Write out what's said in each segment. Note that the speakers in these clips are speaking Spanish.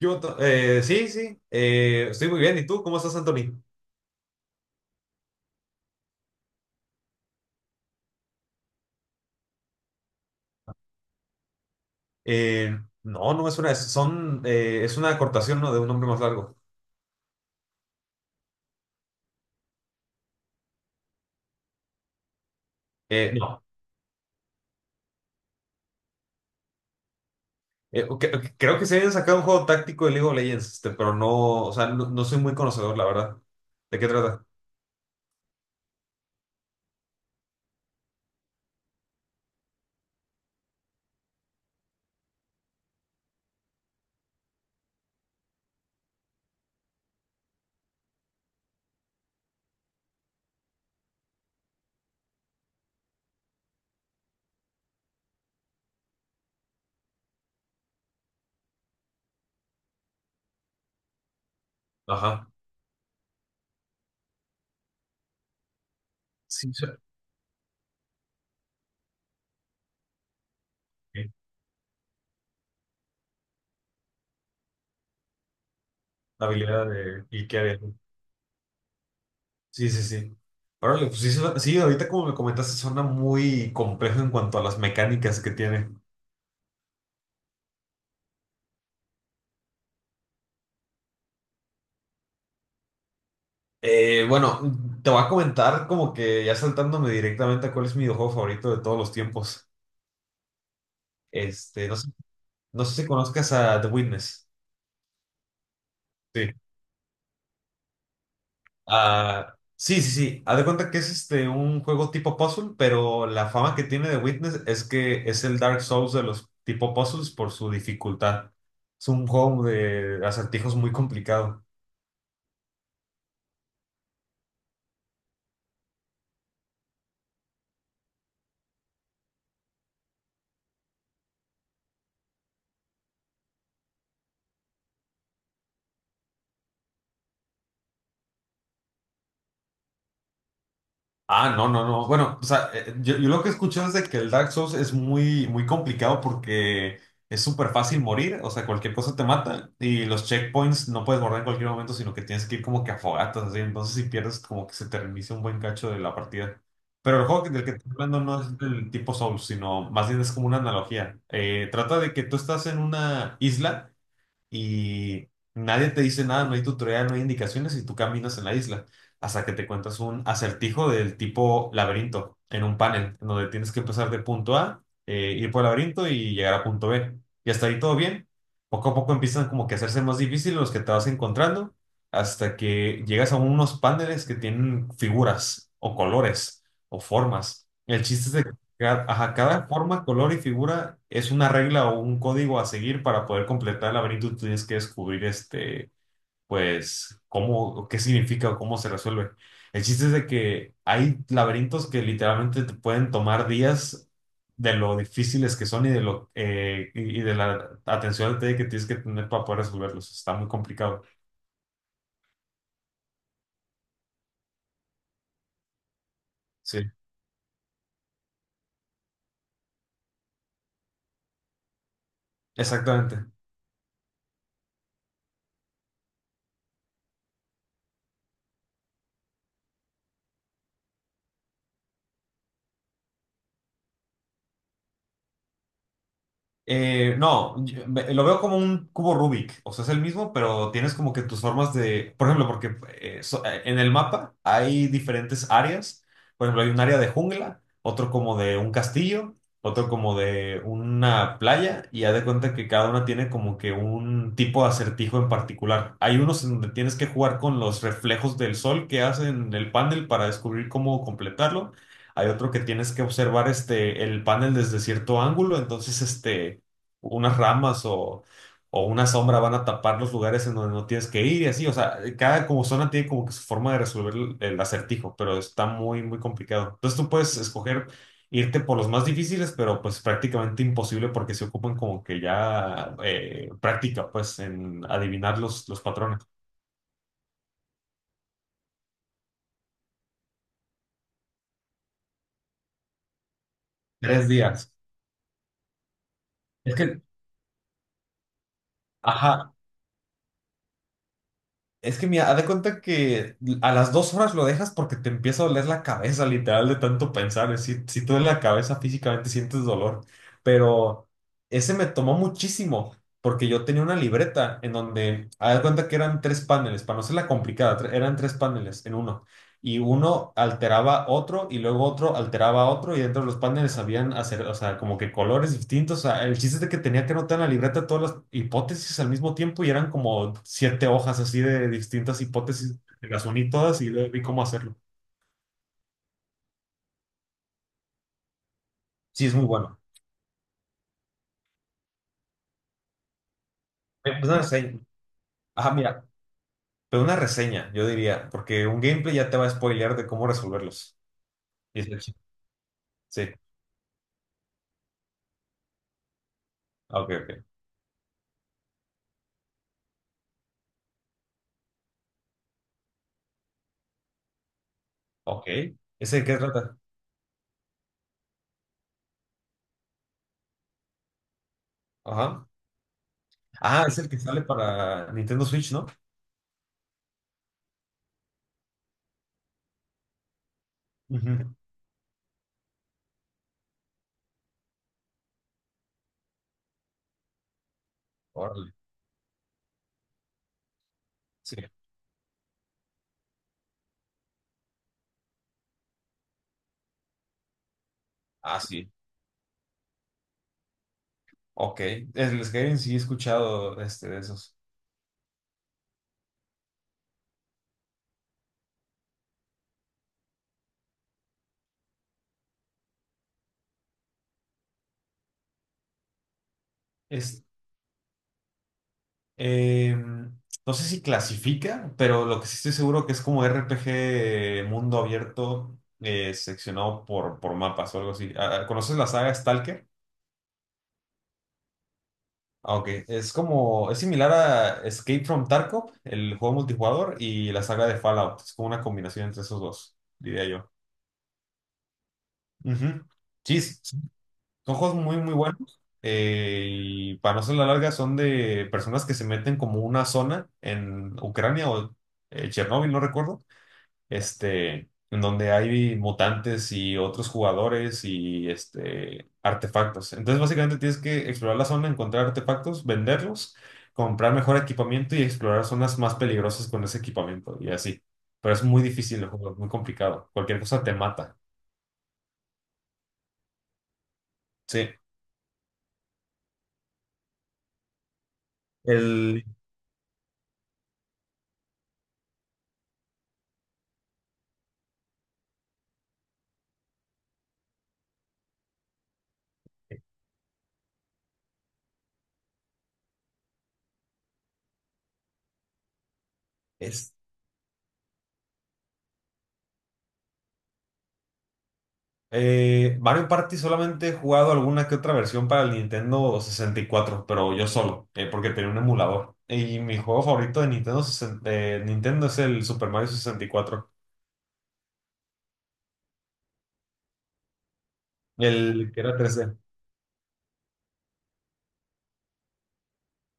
Sí, sí, estoy muy bien. ¿Y tú cómo estás, Anthony? Eh, no, son, es una acortación, ¿no? De un nombre más largo. No, ok, creo que se habían sacado un juego táctico de League of Legends, este, pero no, o sea, no, no soy muy conocedor, la verdad. ¿De qué trata? Ajá. Sí, sí. Ok. La habilidad de. ¿Y qué había? Sí, sí, sí. Órale, pues sí, sí, ahorita como me comentaste, suena muy complejo en cuanto a las mecánicas que tiene. Bueno, te voy a comentar como que ya saltándome directamente a cuál es mi videojuego favorito de todos los tiempos. Este, no sé si conozcas a The Witness. Sí. Ah, sí, sí, sí. Haz de cuenta que es este un juego tipo puzzle, pero la fama que tiene The Witness es que es el Dark Souls de los tipo puzzles por su dificultad. Es un juego de acertijos muy complicado. Ah, no, no, no. Bueno, o sea, yo lo que he es de que el Dark Souls es muy, muy complicado porque es súper fácil morir, o sea, cualquier cosa te mata y los checkpoints no puedes borrar en cualquier momento, sino que tienes que ir como que a fogatas, así. Entonces, si pierdes, como que se te reinicia un buen cacho de la partida. Pero el juego del que estoy hablando no es del tipo Souls, sino más bien es como una analogía. Trata de que tú estás en una isla y nadie te dice nada, no hay tutorial, no hay indicaciones y tú caminas en la isla hasta que te cuentas un acertijo del tipo laberinto en un panel, en donde tienes que empezar de punto A, ir por el laberinto y llegar a punto B. Y hasta ahí todo bien. Poco a poco empiezan como que a hacerse más difíciles los que te vas encontrando hasta que llegas a unos paneles que tienen figuras o colores o formas. El chiste es de. Ajá, cada forma, color y figura es una regla o un código a seguir para poder completar el laberinto. Tú tienes que descubrir este, pues, cómo, qué significa o cómo se resuelve. El chiste es de que hay laberintos que literalmente te pueden tomar días de lo difíciles que son y de lo y de la atención al detalle que tienes que tener para poder resolverlos. Está muy complicado. Sí, exactamente. No, lo veo como un cubo Rubik, o sea, es el mismo, pero tienes como que tus formas de, por ejemplo, porque en el mapa hay diferentes áreas, por ejemplo, hay un área de jungla, otro como de un castillo, otro como de una playa, y haz de cuenta que cada una tiene como que un tipo de acertijo en particular. Hay unos en donde tienes que jugar con los reflejos del sol que hacen el panel para descubrir cómo completarlo. Hay otro que tienes que observar este, el panel desde cierto ángulo, entonces este unas ramas o una sombra van a tapar los lugares en donde no tienes que ir y así. O sea, cada como zona tiene como que su forma de resolver el acertijo, pero está muy, muy complicado. Entonces tú puedes escoger irte por los más difíciles, pero pues prácticamente imposible porque se ocupan como que ya práctica, pues, en adivinar los patrones. 3 días. Es que Ajá. Es que mira, haz de cuenta que a las 2 horas lo dejas porque te empieza a doler la cabeza, literal, de tanto pensar. Si tú en la cabeza físicamente sientes dolor. Pero ese me tomó muchísimo porque yo tenía una libreta en donde, haz de cuenta que eran tres paneles, para no ser la complicada, eran tres paneles en uno y uno alteraba otro y luego otro alteraba otro y dentro de los paneles habían hacer, o sea, como que colores distintos. O sea, el chiste es de que tenía que anotar en la libreta todas las hipótesis al mismo tiempo y eran como siete hojas así de distintas hipótesis. Las uní todas y luego vi cómo hacerlo. Sí, es muy bueno. Pues, una reseña. Ah, mira, pero una reseña, yo diría, porque un gameplay ya te va a spoilear de cómo resolverlos. Y es el chiste. Sí. Ah, ok, ok. Ok. ¿Ese de qué trata? Ajá. Ah, es el que sale para Nintendo Switch, ¿no? Ujú. Órale. Sí. Ah, sí. Ok. El Skyrim sí he escuchado este, de esos. Es, eh, no sé si clasifica, pero lo que sí estoy seguro que es como RPG mundo abierto seccionado por mapas o algo así. Ah, ah, ¿conoces la saga Stalker? Ah, ok. Es como, es similar a Escape from Tarkov, el juego multijugador, y la saga de Fallout. Es como una combinación entre esos dos, diría yo. Ujú. Sí, son juegos muy, muy buenos. Y para no hacer la larga, son de personas que se meten como una zona en Ucrania o Chernóbil, no recuerdo. Este, en donde hay mutantes y otros jugadores y este, artefactos. Entonces, básicamente tienes que explorar la zona, encontrar artefactos, venderlos, comprar mejor equipamiento y explorar zonas más peligrosas con ese equipamiento y así. Pero es muy difícil el juego, es muy complicado. Cualquier cosa te mata. Sí. El. Mario Party solamente he jugado alguna que otra versión para el Nintendo 64, pero yo solo, porque tenía un emulador. Y mi juego favorito de Nintendo, es el Super Mario 64, el que era 3D.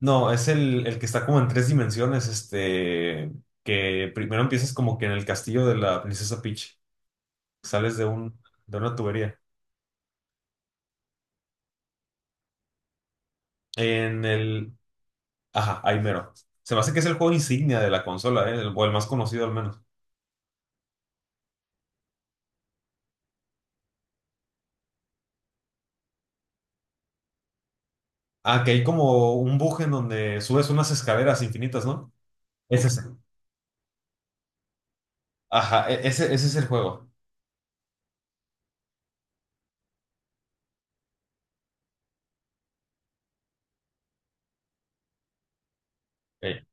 No, es el que está como en tres dimensiones, este, que primero empiezas como que en el castillo de la princesa Peach, sales de una tubería. En el, ajá, ahí mero. Se me hace que es el juego insignia de la consola, o el más conocido al menos. Ah, que hay como un buje en donde subes unas escaleras infinitas, ¿no? Es ese. Ajá, ese es el juego. Ok.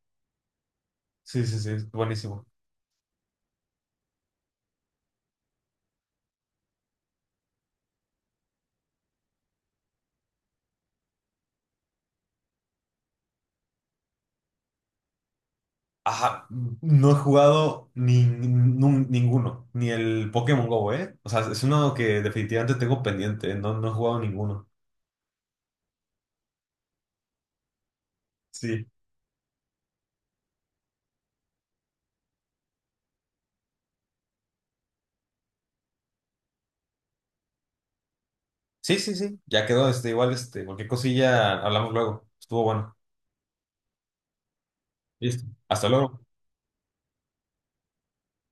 Sí, sí, sí, es buenísimo. Ajá, no he jugado ni, nun- ninguno, ni el Pokémon Go, ¿eh? O sea, es uno que definitivamente tengo pendiente, no, no he jugado ninguno. Sí. Sí, sí, sí, ya quedó, este, igual, este, cualquier cosilla hablamos luego. Estuvo bueno. Listo. Hasta luego.